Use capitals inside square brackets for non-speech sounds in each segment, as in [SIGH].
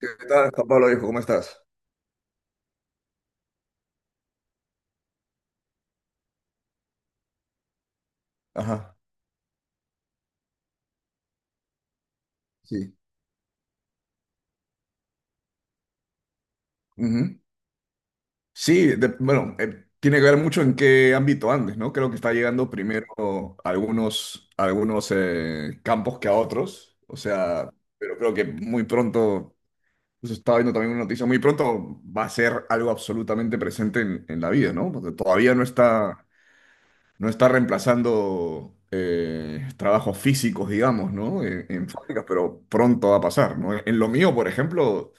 ¿Qué tal, Juan Pablo, viejo? ¿Cómo estás? Ajá, sí. Ujú. Sí, bueno, tiene que ver mucho en qué ámbito andes, ¿no? Creo que está llegando primero a algunos, campos que a otros, o sea, pero creo que muy pronto, pues estaba viendo también una noticia, muy pronto va a ser algo absolutamente presente en, la vida, ¿no? Porque todavía no está reemplazando trabajos físicos, digamos, ¿no? En fábricas, pero pronto va a pasar, ¿no? En lo mío, por ejemplo.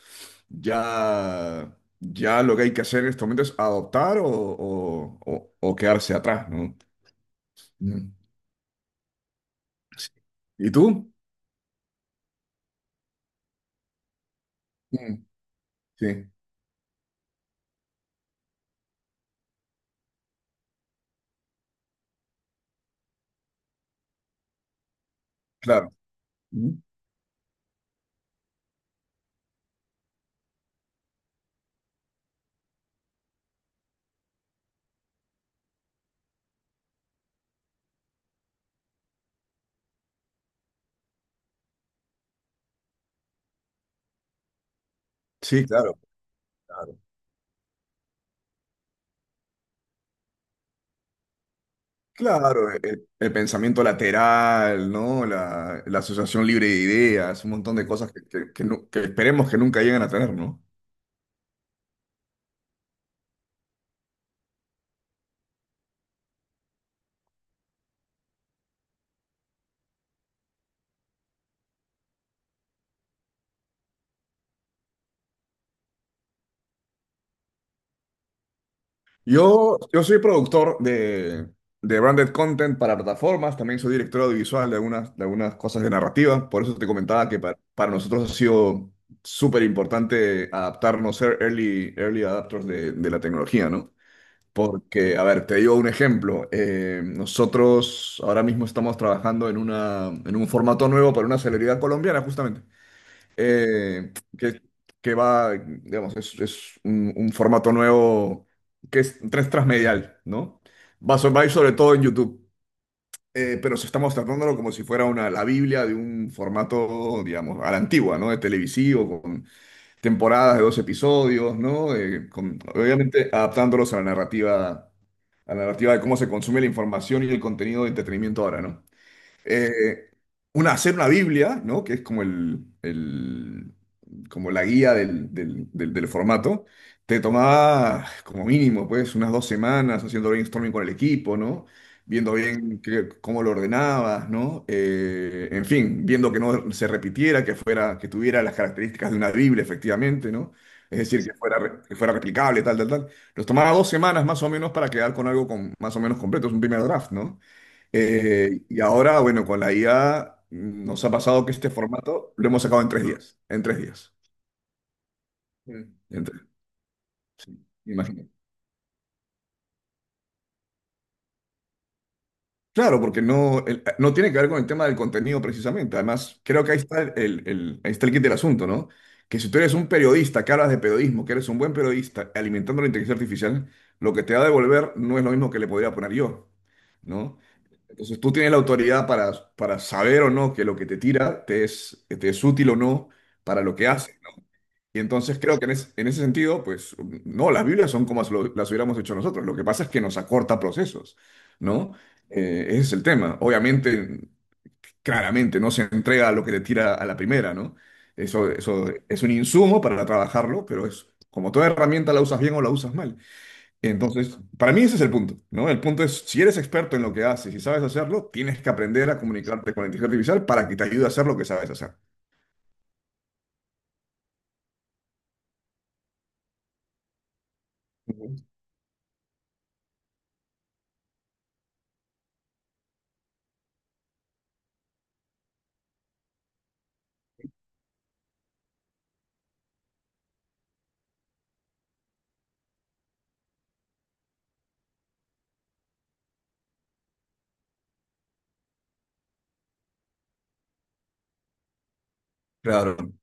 Ya lo que hay que hacer en este momento es adoptar o quedarse atrás, ¿no? Mm. Sí. ¿Y tú? Mm, sí, claro. Mm. Sí, claro, claro. Claro, el pensamiento lateral, ¿no? La asociación libre de ideas, un montón de cosas que esperemos que nunca lleguen a tener, ¿no? Yo soy productor de branded content para plataformas, también soy director audiovisual de algunas cosas de narrativa, por eso te comentaba que para nosotros ha sido súper importante adaptarnos, ser early adapters de la tecnología, ¿no? Porque, a ver, te digo un ejemplo, nosotros ahora mismo estamos trabajando en una, en un formato nuevo para una celebridad colombiana, justamente eh, que, que va, digamos, es un formato nuevo que es tres transmedial, ¿no? Va a ir sobre todo en YouTube, pero se estamos tratándolo como si fuera la Biblia de un formato, digamos, a la antigua, ¿no? De televisivo, con temporadas de 2 episodios, ¿no? Obviamente adaptándolos a la narrativa, de cómo se consume la información y el contenido de entretenimiento ahora, ¿no? eh, Hacer una Biblia, ¿no? Que es como como la guía del formato, te tomaba como mínimo, pues, unas 2 semanas haciendo brainstorming con el equipo, ¿no? Viendo bien cómo lo ordenabas, ¿no? En fin, viendo que no se repitiera, que fuera, que tuviera las características de una Biblia, efectivamente, ¿no? Es decir, que fuera replicable, tal, tal, tal. Nos tomaba 2 semanas más o menos para quedar con algo con, más o menos completo, es un primer draft, ¿no? Y ahora, bueno, con la IA nos ha pasado que este formato lo hemos sacado en 3 días. En tres días. Mm. En tres, imagino. Claro, porque no, no tiene que ver con el tema del contenido precisamente. Además, creo que ahí está ahí está el kit del asunto, ¿no? Que si tú eres un periodista que hablas de periodismo, que eres un buen periodista alimentando la inteligencia artificial, lo que te va a devolver no es lo mismo que le podría poner yo, ¿no? Entonces tú tienes la autoridad para saber o no que lo que te tira te es útil o no para lo que haces. Y entonces creo que en ese sentido, pues no, las Biblias son como las hubiéramos hecho nosotros. Lo que pasa es que nos acorta procesos, ¿no? Ese es el tema. Obviamente, claramente, no se entrega lo que te tira a la primera, ¿no? Eso es un insumo para trabajarlo, pero es como toda herramienta la usas bien o la usas mal. Entonces, para mí ese es el punto, ¿no? El punto es, si eres experto en lo que haces y sabes hacerlo, tienes que aprender a comunicarte con la inteligencia artificial para que te ayude a hacer lo que sabes hacer. Ujú. Claro.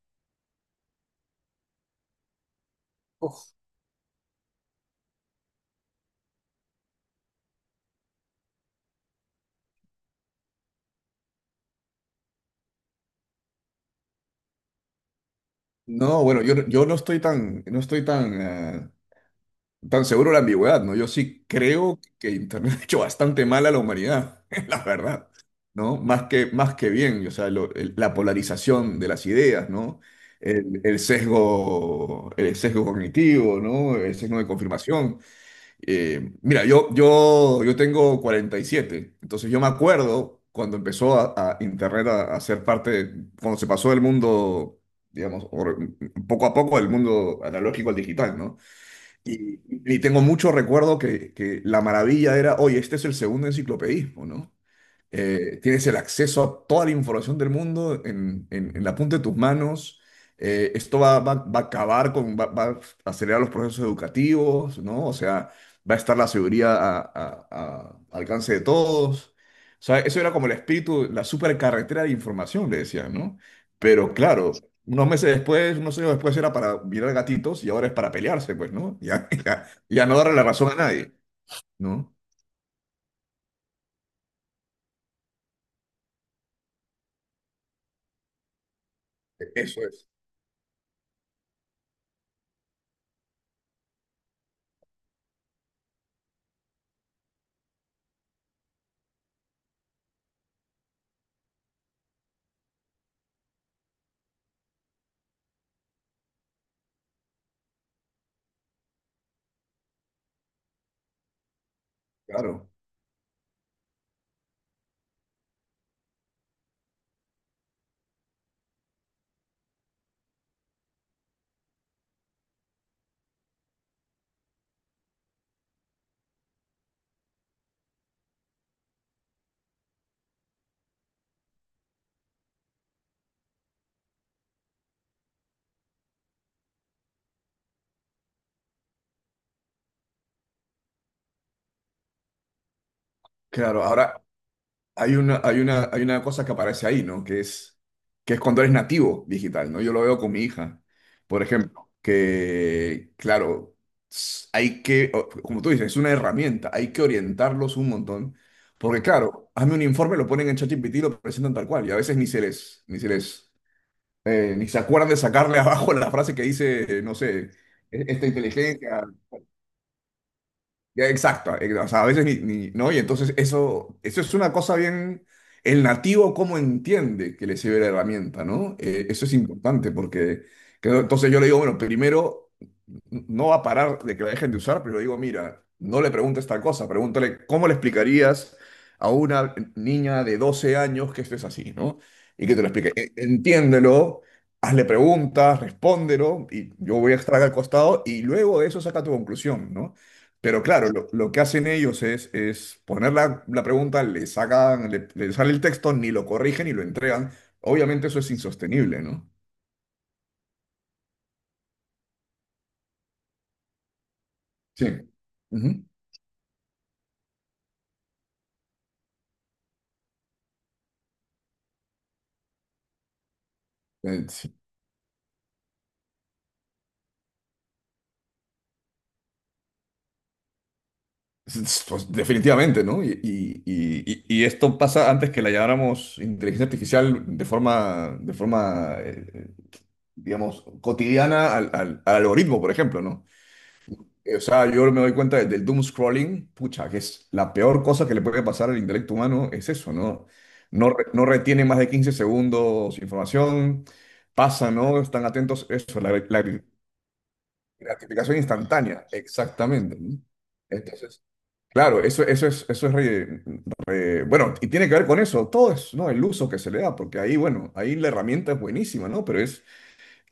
No, bueno, yo no estoy tan seguro de la ambigüedad, ¿no? Yo sí creo que Internet [LAUGHS] ha hecho bastante mal a la humanidad, [LAUGHS] la verdad, ¿no? Más que bien, o sea, la polarización de las ideas, ¿no? El sesgo, el sesgo cognitivo, ¿no? El sesgo de confirmación. Mira, yo tengo 47. Entonces yo me acuerdo cuando empezó a Internet a ser parte, cuando se pasó del mundo, digamos, poco a poco del mundo analógico al digital, ¿no? Y, y tengo mucho recuerdo que la maravilla era, oye, este es el segundo enciclopedismo, ¿no? Tienes el acceso a toda la información del mundo en, en la punta de tus manos. Esto va, va- va a acabar con, va, va a acelerar los procesos educativos, ¿no? O sea, va a estar la seguridad a al alcance de todos. O sea, eso era como el espíritu, la supercarretera de información, le decían, ¿no? Pero claro, unos meses después, unos años después era para mirar gatitos y ahora es para pelearse, pues, ¿no? Ya, [LAUGHS] ya no darle la razón a nadie, ¿no? Eso es, claro. Claro, ahora, hay una cosa que aparece ahí, ¿no? Que es cuando eres nativo digital, ¿no? Yo lo veo con mi hija, por ejemplo, que, claro, hay que, como tú dices, es una herramienta, hay que orientarlos un montón, porque claro, hazme un informe, lo ponen en ChatGPT y lo presentan tal cual, y a veces ni se acuerdan de sacarle [LAUGHS] abajo la frase que dice, no sé, esta inteligencia. Ya, exacto, o sea, a veces ¿no? Y entonces eso es una cosa bien, el nativo cómo entiende que le sirve la herramienta, ¿no? Eso es importante porque, que no- entonces yo le digo, bueno, primero no va a parar de que la dejen de usar, pero digo, mira, no le preguntes tal cosa, pregúntale cómo le explicarías a una niña de 12 años que esto es así, ¿no? Y que te lo explique. Entiéndelo, hazle preguntas, respóndelo, y yo voy a estar acá al costado, y luego de eso saca tu conclusión, ¿no? Pero claro, lo que hacen ellos es, es poner la pregunta, le sacan, le sale el texto, ni lo corrigen ni lo entregan. Obviamente eso es insostenible, ¿no? Sí. Ujú. Sí. Pues definitivamente, ¿no? Y esto pasa antes que la llamáramos inteligencia artificial de forma digamos, cotidiana al algoritmo, por ejemplo, ¿no? O sea, yo me doy cuenta del doom scrolling, pucha, que es la peor cosa que le puede pasar al intelecto humano, es eso, ¿no? No, no retiene más de 15 segundos información, pasa, ¿no? Están atentos, eso, la gratificación instantánea, exactamente, ¿no? Entonces claro, eso, eso es re- re- bueno, y tiene que ver con eso, todo es, ¿no? El uso que se le da, porque ahí, bueno, ahí la herramienta es buenísima, ¿no? Pero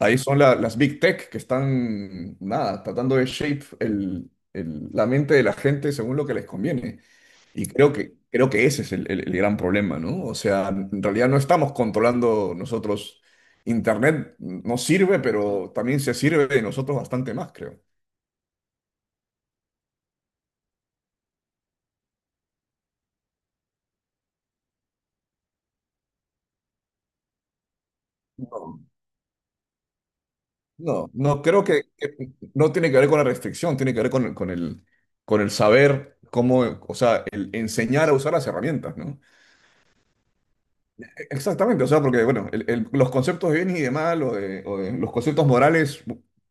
ahí son las big tech que están, nada, tratando de shape la mente de la gente según lo que les conviene. Y creo que ese es el gran problema, ¿no? O sea, en realidad no estamos controlando nosotros. Internet nos sirve, pero también se sirve de nosotros bastante más, creo. No, no creo no tiene que ver con la restricción, tiene que ver con el saber cómo, o sea, el enseñar a usar las herramientas, ¿no? Exactamente, o sea, porque, bueno, los conceptos de bien y de mal los conceptos morales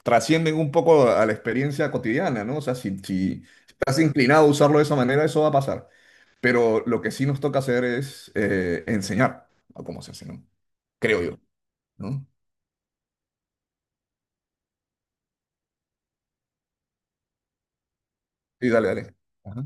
trascienden un poco a la experiencia cotidiana, ¿no? O sea, si estás inclinado a usarlo de esa manera, eso va a pasar. Pero lo que sí nos toca hacer es enseñar a cómo se hace, ¿no? Creo yo, ¿no? Sí, dale, dale. Ajá.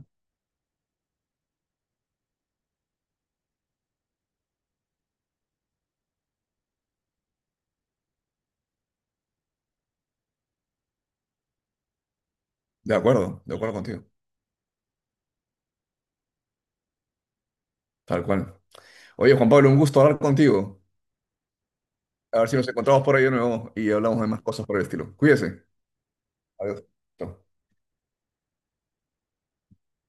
De acuerdo contigo, tal cual. Oye, Juan Pablo, un gusto hablar contigo. A ver si nos encontramos por ahí de nuevo y hablamos de más cosas por el estilo. Cuídese. Adiós. Chao.